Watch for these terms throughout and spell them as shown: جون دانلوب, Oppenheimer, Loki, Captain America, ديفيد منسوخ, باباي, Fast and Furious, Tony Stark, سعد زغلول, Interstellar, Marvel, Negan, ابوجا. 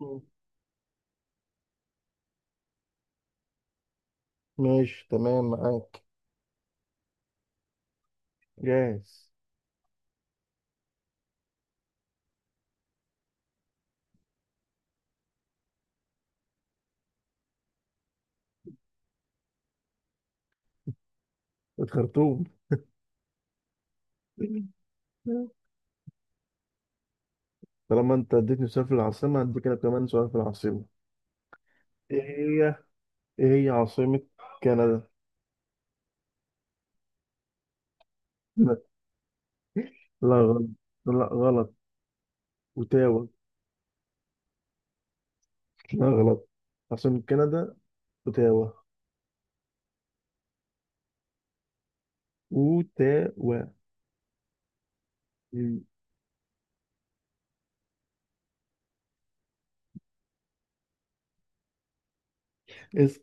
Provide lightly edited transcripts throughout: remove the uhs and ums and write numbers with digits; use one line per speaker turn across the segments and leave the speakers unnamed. مم. ماشي، تمام معاك. جاهز. الخرطوم. طالما انت اديتني سؤال في العاصمة هديك انا كمان سؤال في العاصمة. ايه هي ايه هي عاصمة كندا؟ لا. لا غلط. لا غلط. اوتاوا. لا غلط، عاصمة كندا اوتاوا. اوتاوا. مم. اسم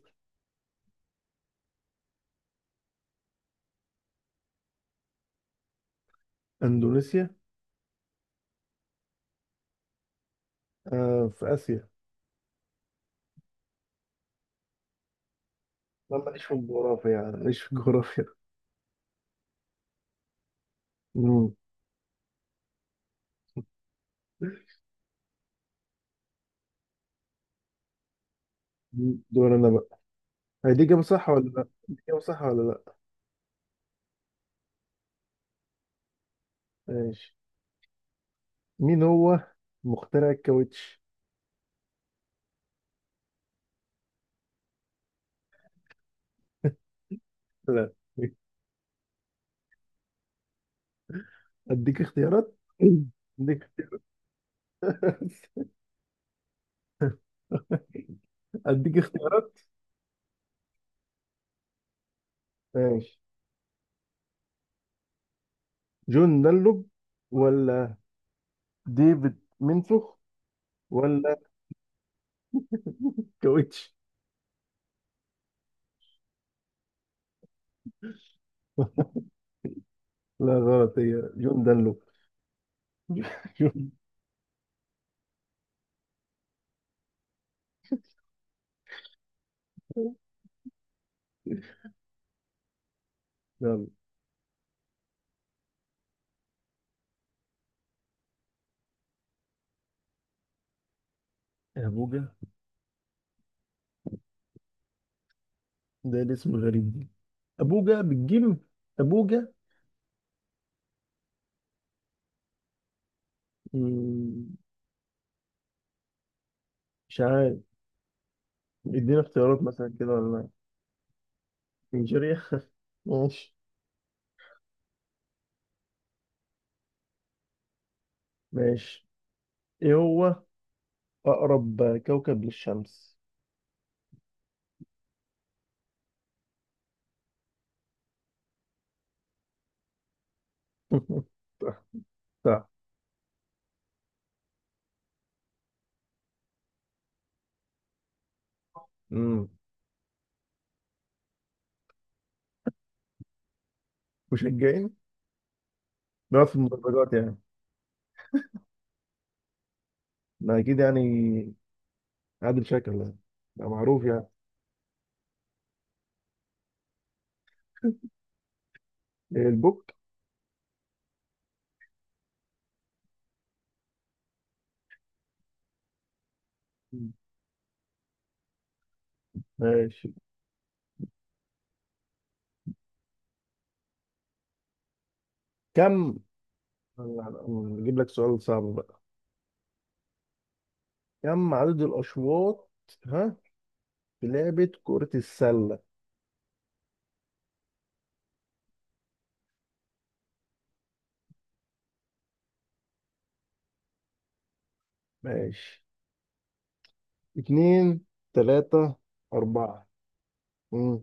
اندونيسيا. آه، في اسيا. لا، ماليش في الجغرافيا يعني ماليش في الجغرافيا. مم. دور انا بقى. هي دي اجابة صح ولا لا؟ دي اجابة صح ولا لا؟ ماشي. مين هو مخترع الكاوتش؟ لا. اديك اختيارات اديك اديك اختيارات. ماشي. جون دانلوب ولا ديفيد منسوخ ولا كاوتش؟ لا غلط، هي جون دانلوب. جون دانلوب. ابوجا. ده الاسم غريب دي. ابوجا بالجيم. ابوجا. مم، مش عارف. ادينا اختيارات مثلا كده ولا لا؟ نيجيريا. ماشي. ماشي. ايه هو أقرب كوكب للشمس؟ صح، صح. امم مشجعين. بنقعد في المدرجات يعني. ما اكيد يعني. عادل شكل يعني. ده معروف يعني. إيه، البوك. ماشي. كم نجيب لك سؤال صعب بقى. كم عدد الأشواط، ها، في لعبة كرة السلة؟ ماشي، اتنين، تلاتة، أربعة. مم.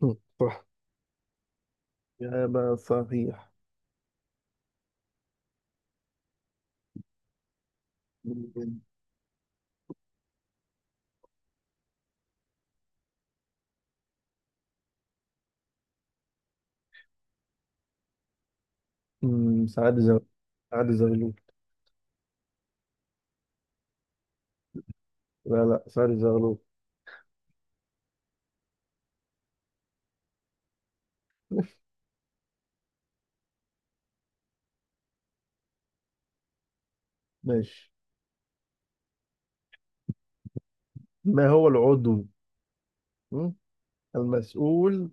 صح. إجابة صحيح. مم. سعد زغلول. سعد زغلول. لا، لا، سعد زغلول. ماشي. ما هو العضو، م؟ المسؤول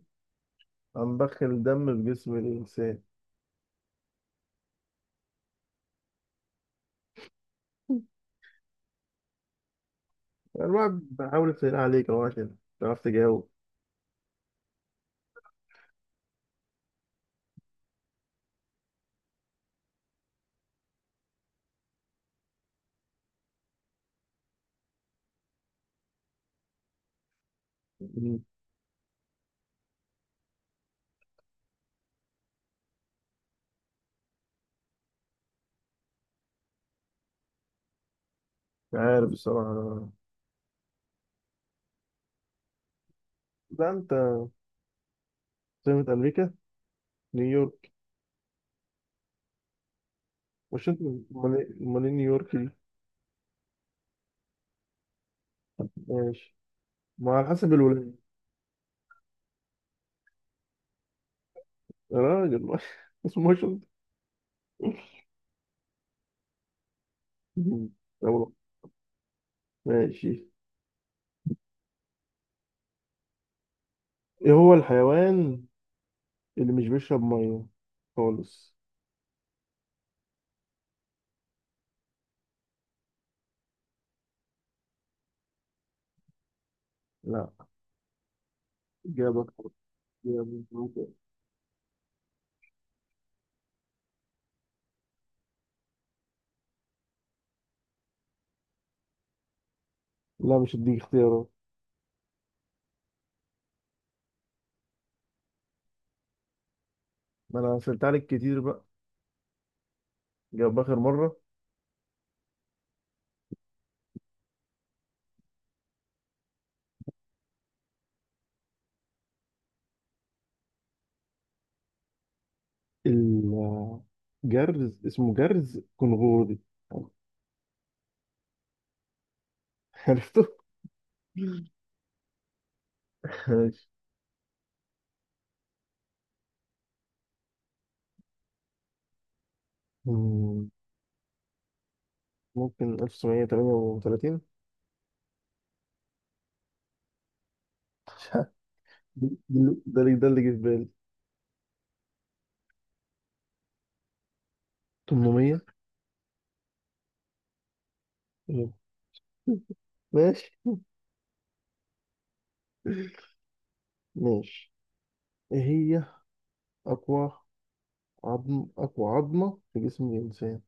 عن ضخ الدم في جسم الإنسان؟ الواحد بحاول أسهل عليك أهو عشان تعرف تجاوب. مش عارف بصراحة. لا أنت. سمة أمريكا. نيويورك. مش أنت. أمال إيه؟ أمال إيه نيويورك دي؟ ماشي. ما على حسب الولاية. يا راجل. اسمه مش أنت. م، يلا. ماشي. إيه هو الحيوان اللي مش بيشرب مية خالص؟ لا. إجابة. إجابة. لا، مش هديك اختيارات. ما انا سألت عليك كتير بقى. جاب اخر مرة. الجرز اسمه جرز كنغوري. عرفته؟ ماشي. مم، ممكن 1938. مش عارف. ده اللي جه في بالي. 800. ماشي. ماشي. ايه هي اقوى اقوى عظمة في جسم الانسان؟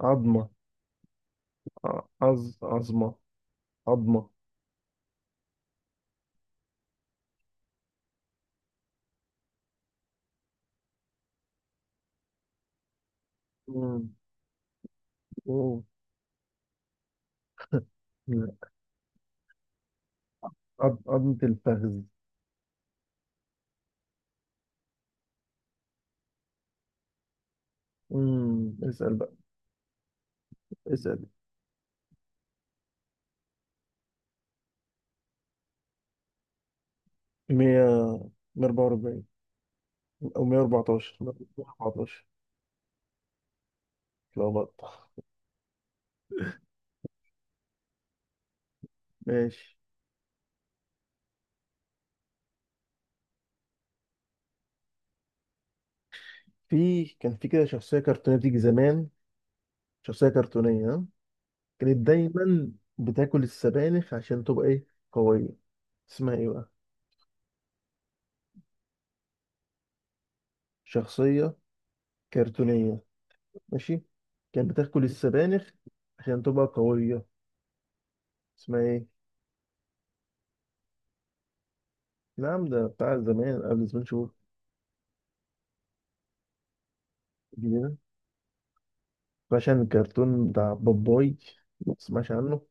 عظمة. ع- عظ عظمة. عظمة. مم. مم. عظمة الفخذ. مم. اسأل. 144 او 114. 114. اتلخبطت. ماشي. كان في كده شخصيه كرتونيه بتيجي زمان. شخصيه كرتونيه، ها؟ كانت دايما بتاكل السبانخ عشان تبقى ايه، قويه. اسمها ايه بقى؟ شخصيه كرتونيه. ماشي. كانت بتاكل السبانخ عشان تبقى قويه. اسمها ايه؟ نعم، ده بتاع زمان، قبل زمان شهور. جديدة. فعشان الكرتون بتاع باباي ما تسمعش عنه.